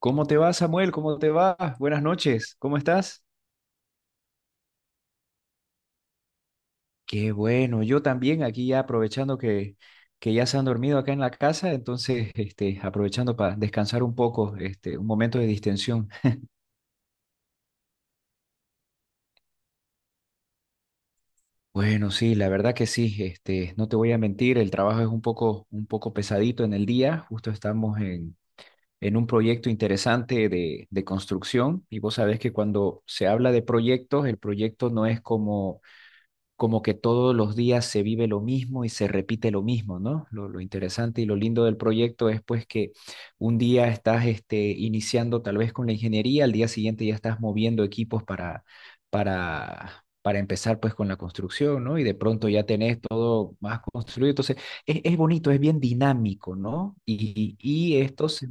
¿Cómo te va, Samuel? ¿Cómo te va? Buenas noches. ¿Cómo estás? Qué bueno. Yo también aquí ya aprovechando que ya se han dormido acá en la casa, entonces aprovechando para descansar un poco, un momento de distensión. Bueno, sí, la verdad que sí. No te voy a mentir, el trabajo es un poco pesadito en el día. Justo estamos en un proyecto interesante de construcción, y vos sabés que cuando se habla de proyectos, el proyecto no es como que todos los días se vive lo mismo y se repite lo mismo, ¿no? Lo interesante y lo lindo del proyecto es pues que un día estás iniciando tal vez con la ingeniería, al día siguiente ya estás moviendo equipos para, para empezar pues con la construcción, ¿no? Y de pronto ya tenés todo más construido. Entonces, es bonito, es bien dinámico, ¿no? Y esto se.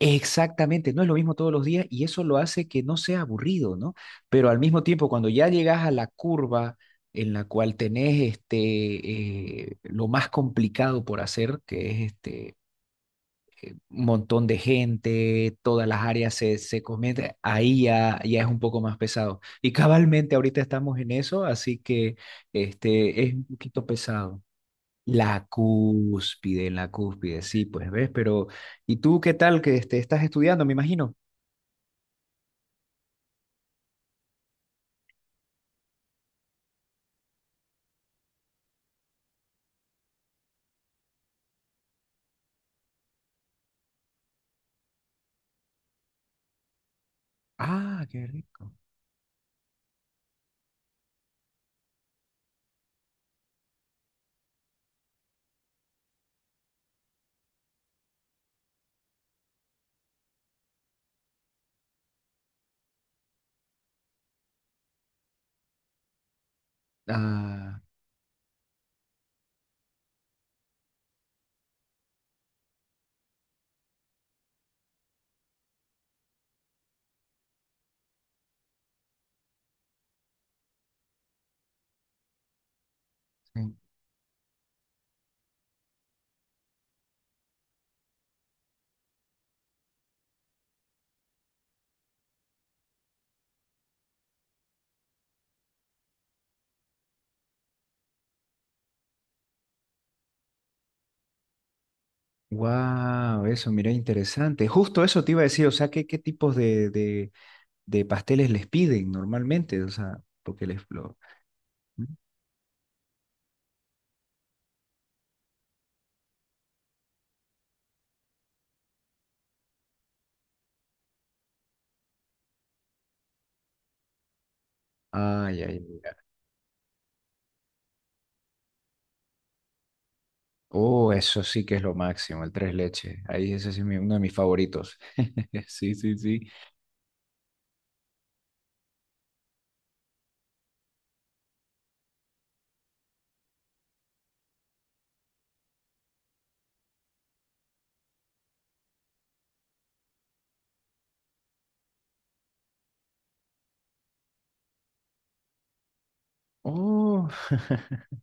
Exactamente, no es lo mismo todos los días, y eso lo hace que no sea aburrido, ¿no? Pero al mismo tiempo, cuando ya llegas a la curva en la cual tenés lo más complicado por hacer, que es un montón de gente, todas las áreas se cometen, ahí ya, ya es un poco más pesado. Y cabalmente ahorita estamos en eso, así que es un poquito pesado. La cúspide, en la cúspide, sí, pues ves, pero ¿y tú qué tal que estás estudiando, me imagino? Ah, qué rico. Ah, wow, eso, mira, interesante. Justo eso te iba a decir, o sea, ¿qué tipos de pasteles les piden normalmente? O sea, porque les lo. Ay, ay, ay. Oh, eso sí que es lo máximo, el tres leches. Ahí ese sí es uno de mis favoritos. Sí, sí, sí. Oh,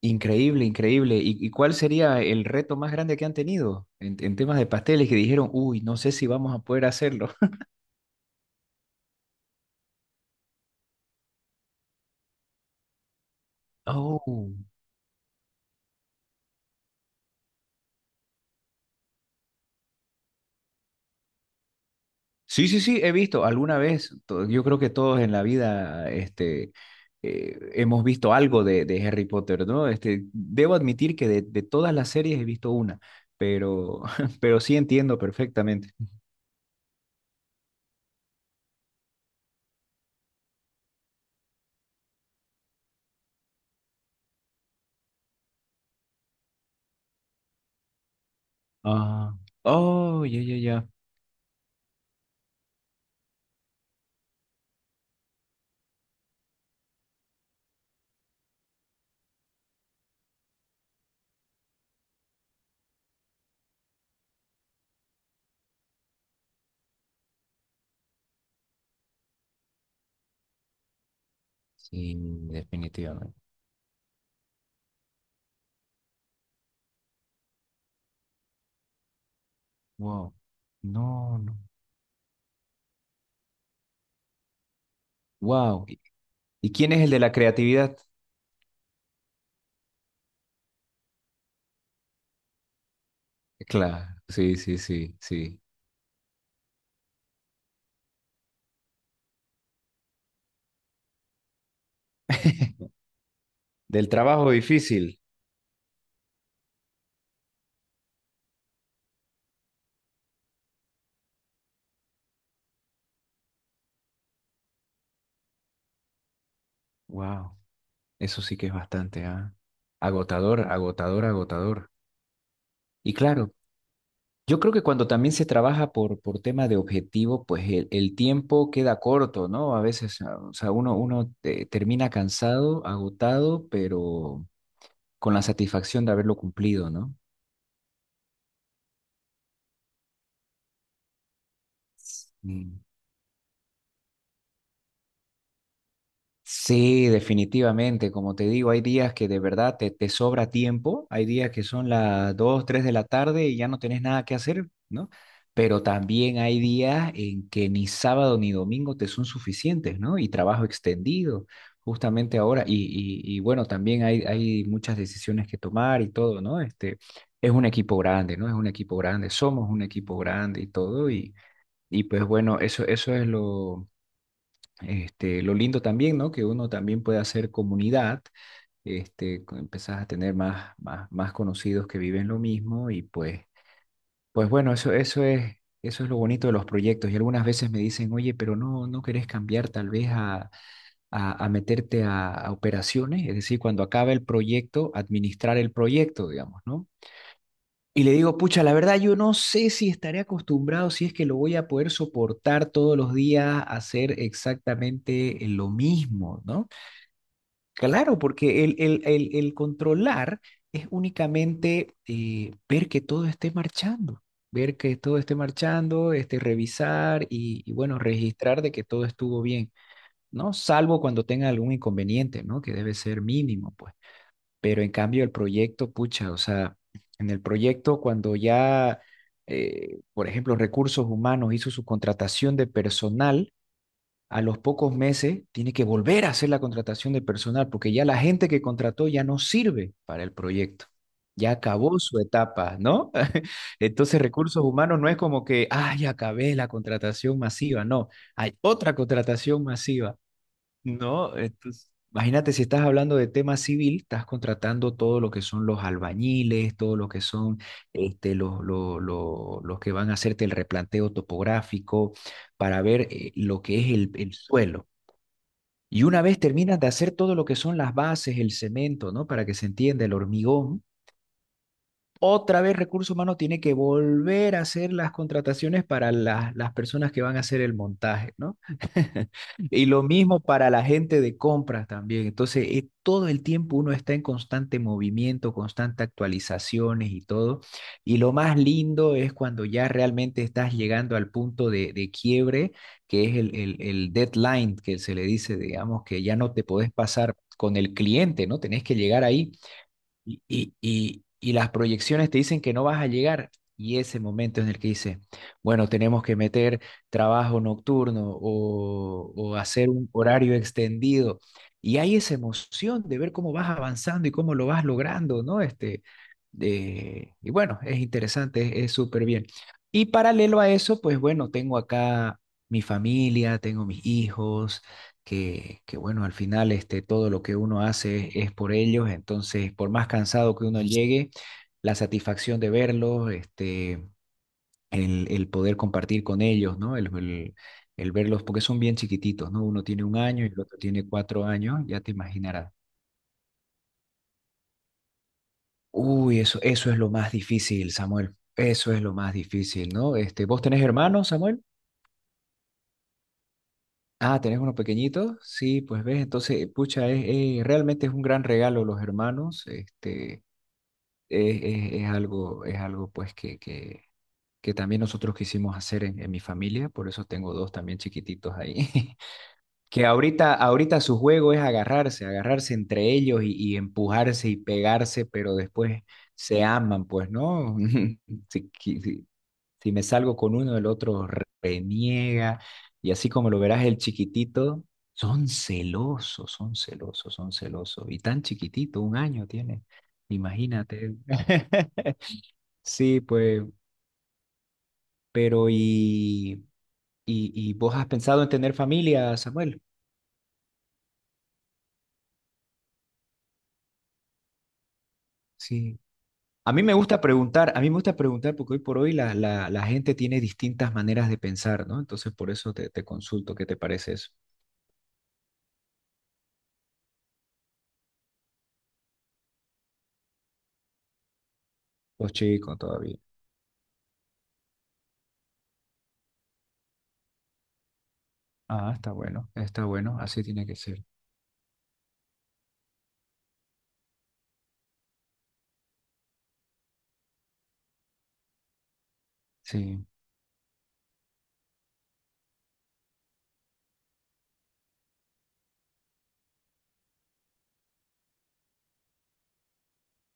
increíble, increíble. ¿Y cuál sería el reto más grande que han tenido en temas de pasteles, que dijeron, uy, no sé si vamos a poder hacerlo? Oh. Sí, sí, sí, he visto alguna vez. Yo creo que todos en la vida hemos visto algo de Harry Potter, ¿no? Debo admitir que de todas las series he visto una, pero, pero sí entiendo perfectamente. Ah, oh, ya, ya, ya. Sí, definitivamente. Wow. No, no. Wow. ¿Y quién es el de la creatividad? Claro, sí, sí, sí, sí. Del trabajo difícil. Wow. Eso sí que es bastante, ah, agotador, agotador, agotador. Y claro, yo creo que cuando también se trabaja por, tema de objetivo, pues el tiempo queda corto, ¿no? A veces, ah, o sea, uno termina cansado, agotado, pero con la satisfacción de haberlo cumplido, ¿no? Mm. Sí, definitivamente. Como te digo, hay días que de verdad te sobra tiempo, hay días que son las 2, 3 de la tarde y ya no tenés nada que hacer, ¿no? Pero también hay días en que ni sábado ni domingo te son suficientes, ¿no? Y trabajo extendido, justamente ahora. Y bueno, también hay muchas decisiones que tomar y todo, ¿no? Es un equipo grande, ¿no? Es un equipo grande, somos un equipo grande y todo. Y pues bueno, eso es lo lindo también, ¿no? Que uno también puede hacer comunidad, empezás a tener más conocidos que viven lo mismo, y pues bueno, eso es lo bonito de los proyectos. Y algunas veces me dicen, oye, pero no, no querés cambiar tal vez a, meterte a operaciones, es decir, cuando acaba el proyecto, administrar el proyecto, digamos, ¿no? Y le digo, pucha, la verdad yo no sé si estaré acostumbrado, si es que lo voy a poder soportar todos los días, hacer exactamente lo mismo, ¿no? Claro, porque el controlar es únicamente ver que todo esté marchando, ver que todo esté marchando, revisar y, bueno, registrar de que todo estuvo bien, ¿no? Salvo cuando tenga algún inconveniente, ¿no? Que debe ser mínimo, pues. Pero en cambio el proyecto, pucha, o sea, en el proyecto cuando ya, por ejemplo, recursos humanos hizo su contratación de personal, a los pocos meses tiene que volver a hacer la contratación de personal porque ya la gente que contrató ya no sirve para el proyecto. Ya acabó su etapa, ¿no? Entonces, recursos humanos no es como que, ay, acabé la contratación masiva. No, hay otra contratación masiva. No, entonces, imagínate, si estás hablando de tema civil, estás contratando todo lo que son los albañiles, todo lo que son los que van a hacerte el replanteo topográfico para ver lo que es el suelo. Y una vez terminas de hacer todo lo que son las bases, el cemento, ¿no? Para que se entienda el hormigón. Otra vez recursos humanos tiene que volver a hacer las contrataciones para las personas que van a hacer el montaje, ¿no? Y lo mismo para la gente de compras también. Entonces, todo el tiempo uno está en constante movimiento, constante actualizaciones y todo. Y lo más lindo es cuando ya realmente estás llegando al punto de quiebre, que es el deadline, que se le dice, digamos, que ya no te podés pasar con el cliente, ¿no? Tenés que llegar ahí y las proyecciones te dicen que no vas a llegar. Y ese momento en el que dices, bueno, tenemos que meter trabajo nocturno, o hacer un horario extendido. Y hay esa emoción de ver cómo vas avanzando y cómo lo vas logrando, ¿no? Y bueno, es interesante, es súper bien. Y paralelo a eso, pues bueno, tengo acá mi familia, tengo mis hijos, que, bueno, al final todo lo que uno hace es por ellos, entonces por más cansado que uno llegue, la satisfacción de verlos, el poder compartir con ellos, ¿no? El verlos, porque son bien chiquititos, ¿no? Uno tiene 1 año y el otro tiene 4 años, ya te imaginarás. Uy, eso es lo más difícil, Samuel. Eso es lo más difícil, ¿no? ¿Vos tenés hermanos, Samuel? Ah, ¿tenés unos pequeñitos? Sí, pues ves, entonces, pucha, es, realmente es un gran regalo los hermanos. Es algo pues que también nosotros quisimos hacer en mi familia, por eso tengo dos también chiquititos ahí, que ahorita su juego es agarrarse entre ellos, y empujarse y pegarse, pero después se aman, pues, ¿no? Sí, sí, si me salgo con uno, el otro reniega. Y así como lo verás, el chiquitito, son celosos, son celosos, son celosos. Y tan chiquitito, 1 año tiene, imagínate. Sí, pues, pero y vos has pensado en tener familia, Samuel. Sí. A mí me gusta preguntar, a mí me gusta preguntar, porque hoy por hoy la gente tiene distintas maneras de pensar, ¿no? Entonces por eso te consulto, ¿qué te parece eso? Vos chico todavía. Ah, está bueno, así tiene que ser. Sí.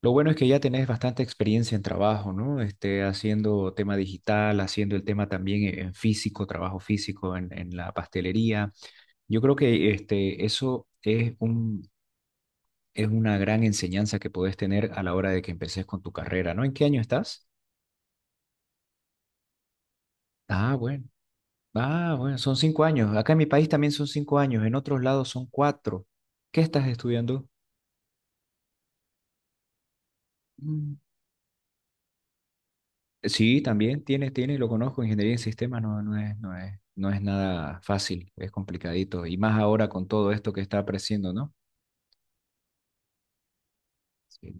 Lo bueno es que ya tenés bastante experiencia en trabajo, ¿no? Haciendo tema digital, haciendo el tema también en físico, trabajo físico en la pastelería. Yo creo que eso es es una gran enseñanza que podés tener a la hora de que empecés con tu carrera, ¿no? ¿En qué año estás? Ah, bueno. Ah, bueno, son 5 años. Acá en mi país también son 5 años, en otros lados son cuatro. ¿Qué estás estudiando? Sí, también tiene, lo conozco, ingeniería en sistemas no es nada fácil, es complicadito, y más ahora con todo esto que está apareciendo, ¿no? Sí.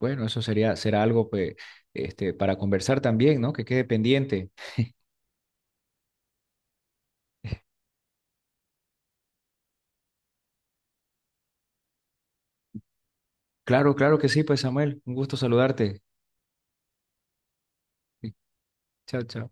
Bueno, eso sería, será algo pues, para conversar también, ¿no? Que quede pendiente. Claro, claro que sí, pues Samuel, un gusto saludarte. Chao, chao.